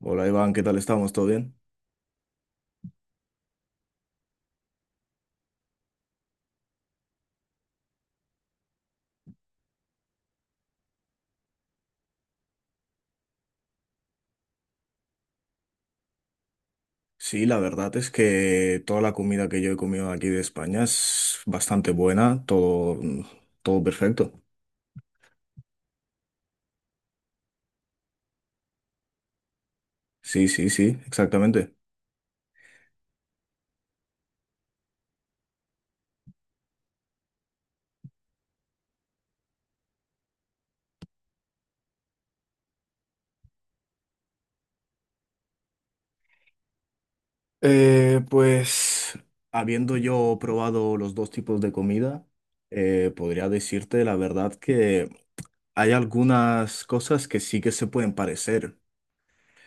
Hola Iván, ¿qué tal estamos? ¿Todo bien? Sí, la verdad es que toda la comida que yo he comido aquí de España es bastante buena, todo, todo perfecto. Sí, sí, sí, exactamente. Pues habiendo yo probado los dos tipos de comida, podría decirte la verdad que hay algunas cosas que sí que se pueden parecer,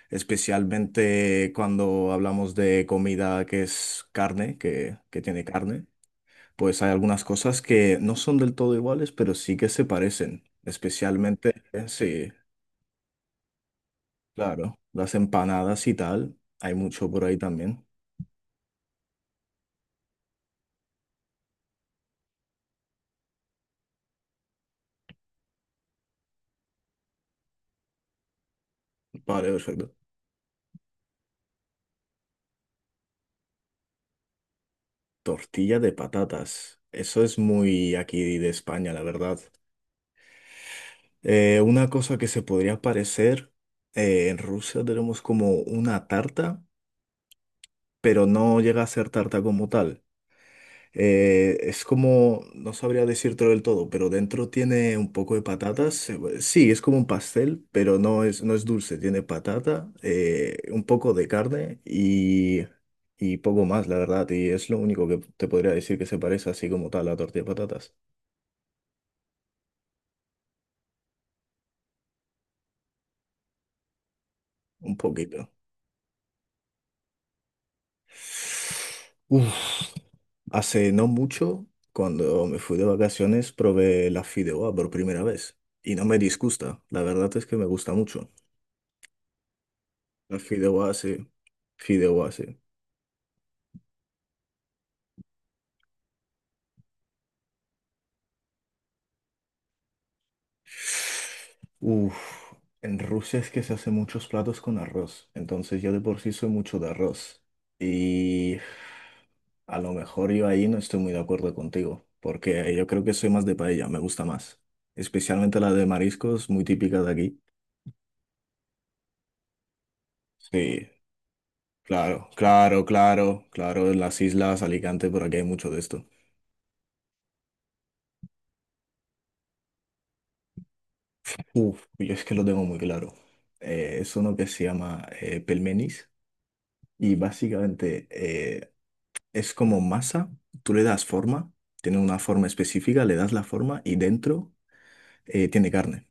especialmente cuando hablamos de comida que es carne, que tiene carne. Pues hay algunas cosas que no son del todo iguales, pero sí que se parecen. Especialmente, sí, claro, las empanadas y tal. Hay mucho por ahí también. Vale, perfecto. Tortilla de patatas. Eso es muy aquí de España, la verdad. Una cosa que se podría parecer, en Rusia tenemos como una tarta, pero no llega a ser tarta como tal. Es como, no sabría decírtelo del todo, pero dentro tiene un poco de patatas. Sí, es como un pastel, pero no es, no es dulce. Tiene patata, un poco de carne y poco más, la verdad. Y es lo único que te podría decir que se parece así como tal a la tortilla de patatas. Un poquito. Uf. Hace no mucho, cuando me fui de vacaciones, probé la fideuá por primera vez. Y no me disgusta. La verdad es que me gusta mucho. Los fideos sí. Fideuá, sí. Uf, en Rusia es que se hacen muchos platos con arroz, entonces yo de por sí soy mucho de arroz. Y a lo mejor yo ahí no estoy muy de acuerdo contigo, porque yo creo que soy más de paella, me gusta más. Especialmente la de mariscos, muy típica de aquí. Sí, claro, claro, claro, claro, en las islas, Alicante, por aquí hay mucho de esto. Uf, yo es que lo tengo muy claro. Es uno que se llama pelmenis. Y básicamente es como masa, tú le das forma, tiene una forma específica, le das la forma y dentro tiene carne.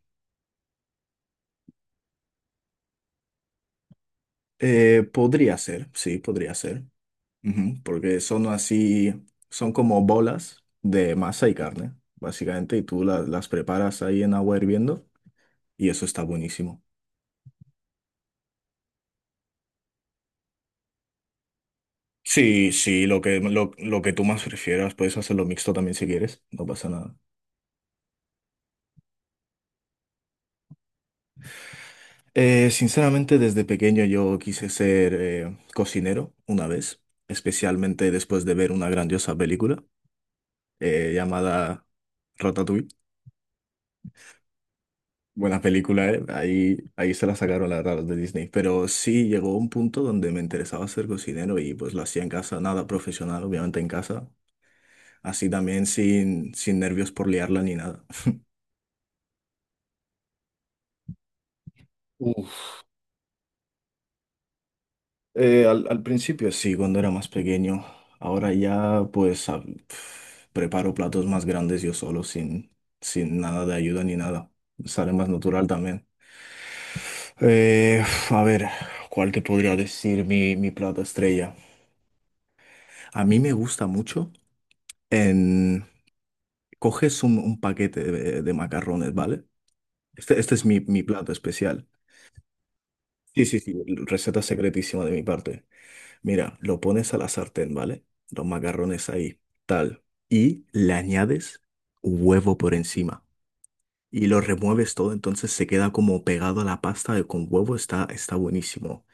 Podría ser, sí, podría ser, ujú, porque son así, son como bolas de masa y carne, básicamente, y tú las preparas ahí en agua hirviendo y eso está buenísimo. Sí, sí, lo que tú más prefieras, puedes hacerlo mixto también si quieres, no pasa nada. Sinceramente, desde pequeño yo quise ser cocinero una vez, especialmente después de ver una grandiosa película llamada Ratatouille. Buena película, ¿eh? Ahí, ahí se la sacaron la verdad los de Disney. Pero sí llegó un punto donde me interesaba ser cocinero y pues lo hacía en casa, nada profesional, obviamente en casa. Así también sin nervios por liarla ni nada. Al principio sí, cuando era más pequeño. Ahora ya pues preparo platos más grandes yo solo, sin nada de ayuda ni nada. Sale más natural también. Eh, a ver, ¿cuál te podría decir mi plato estrella? A mí me gusta mucho en... Coges un paquete de macarrones, ¿vale? Este es mi plato especial. Sí, sí, sí, receta secretísima de mi parte. Mira, lo pones a la sartén, ¿vale? Los macarrones ahí, tal. Y le añades huevo por encima. Y lo remueves todo, entonces se queda como pegado a la pasta con huevo, está, está buenísimo.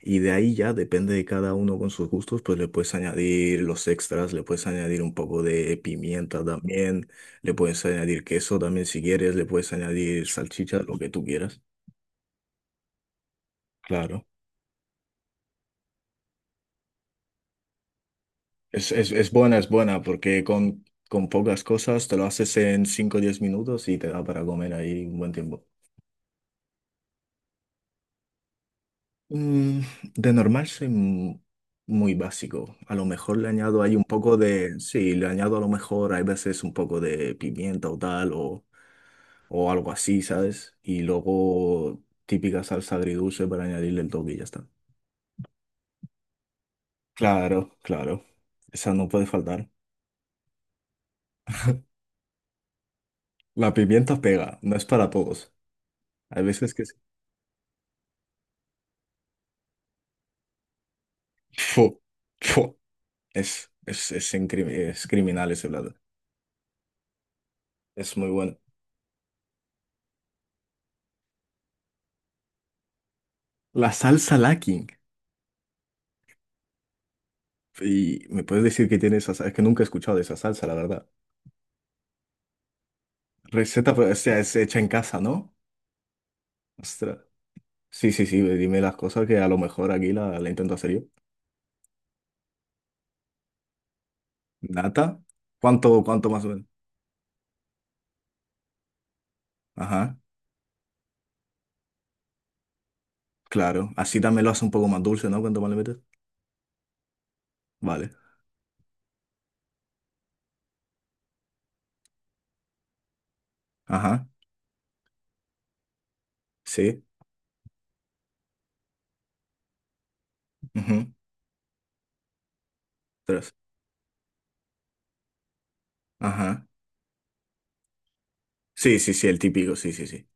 Y de ahí ya, depende de cada uno con sus gustos, pues le puedes añadir los extras, le puedes añadir un poco de pimienta también, le puedes añadir queso también si quieres, le puedes añadir salchicha, lo que tú quieras. Claro. Es buena, es buena, porque con pocas cosas te lo haces en 5 o 10 minutos y te da para comer ahí un buen tiempo. Mm, de normal soy muy básico. A lo mejor le añado ahí un poco de... Sí, le añado a lo mejor hay veces un poco de pimienta o tal o algo así, ¿sabes? Y luego típica salsa agridulce para añadirle el toque y ya está. Claro, claro. Esa no puede faltar. La pimienta pega, no es para todos. Hay veces que sí. Fu, fu. Es criminal ese plato. Es muy bueno. La salsa Lacking. Y me puedes decir que tiene esa salsa. Es que nunca he escuchado de esa salsa, la verdad. Receta, pues, o sea, es hecha en casa, ¿no? Ostras. Sí, sí, sí. Dime las cosas que a lo mejor aquí la intento hacer yo. Nata. ¿Cuánto, cuánto más o menos? Ajá. Claro. Así también lo hace un poco más dulce, ¿no? ¿Cuánto más le metes? Vale. Ajá. Sí. Ujú, tres. Ajá. Sí, sí, sí, el típico. Sí, sí, sí.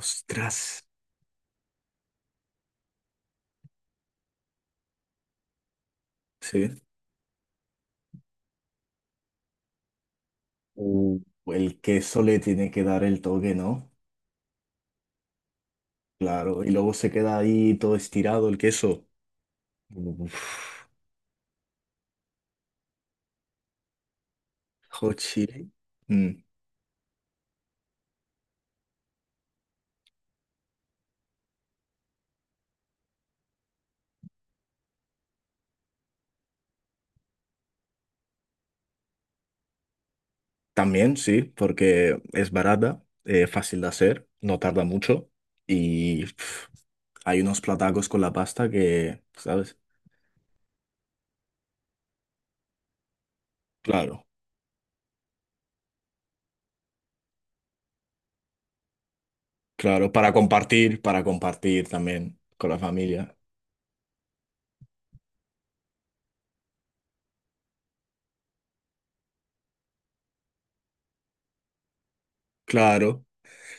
Ostras. Sí. Uh, el queso le tiene que dar el toque, ¿no? Claro, y luego se queda ahí todo estirado el queso. Uf, hot chili. Mm, también, sí, porque es barata, fácil de hacer, no tarda mucho y hay unos platacos con la pasta que, ¿sabes? Claro, claro, para compartir también con la familia. Claro.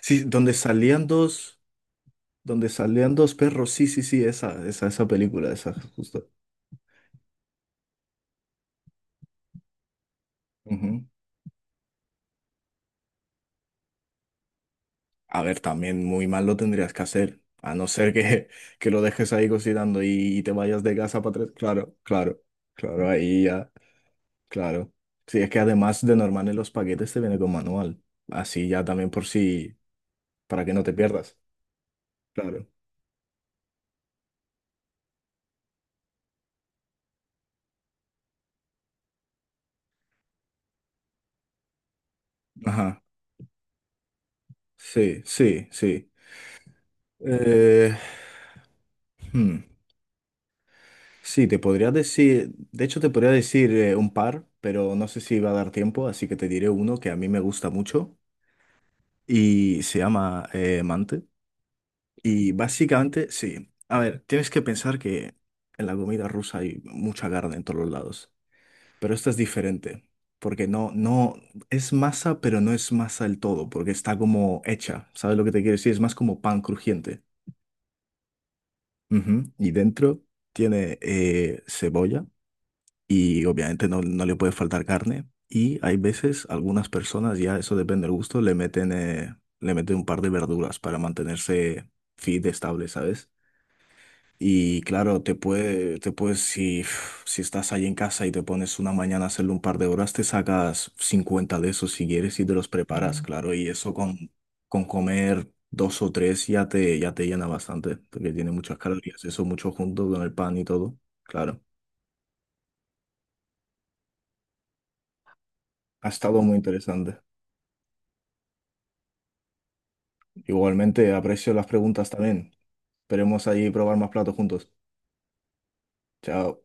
Sí, donde salían dos perros, sí, sí, sí, esa película, esa, justo. Ujú. A ver, también muy mal lo tendrías que hacer, a no ser que, que lo dejes ahí cocinando y te vayas de casa para tres. Claro, claro, claro, ahí ya, claro. Sí, es que además de normal en los paquetes te viene con manual, así ya también por si, para que no te pierdas. Claro, ajá, sí, sí, sí. Eh, hmm, Sí, te podría decir, de hecho te podría decir un par, pero no sé si va a dar tiempo, así que te diré uno que a mí me gusta mucho y se llama Mante. Y básicamente, sí. A ver, tienes que pensar que en la comida rusa hay mucha carne en todos los lados. Pero esta es diferente. Porque no, no, es masa, pero no es masa del todo, porque está como hecha. ¿Sabes lo que te quiero decir? Es más como pan crujiente. Ujú. Y dentro tiene cebolla y obviamente no, no le puede faltar carne. Y hay veces, algunas personas, ya eso depende del gusto, le meten un par de verduras para mantenerse fit, estable, ¿sabes? Y claro, te puede, te puedes, si, si estás ahí en casa y te pones una mañana a hacerlo un par de horas, te sacas 50 de esos si quieres y te los preparas. Mm, claro. Y eso con comer dos o tres ya te llena bastante, porque tiene muchas calorías, eso mucho junto con el pan y todo, claro. Ha estado muy interesante. Igualmente, aprecio las preguntas también. Esperemos ahí probar más platos juntos. Chao.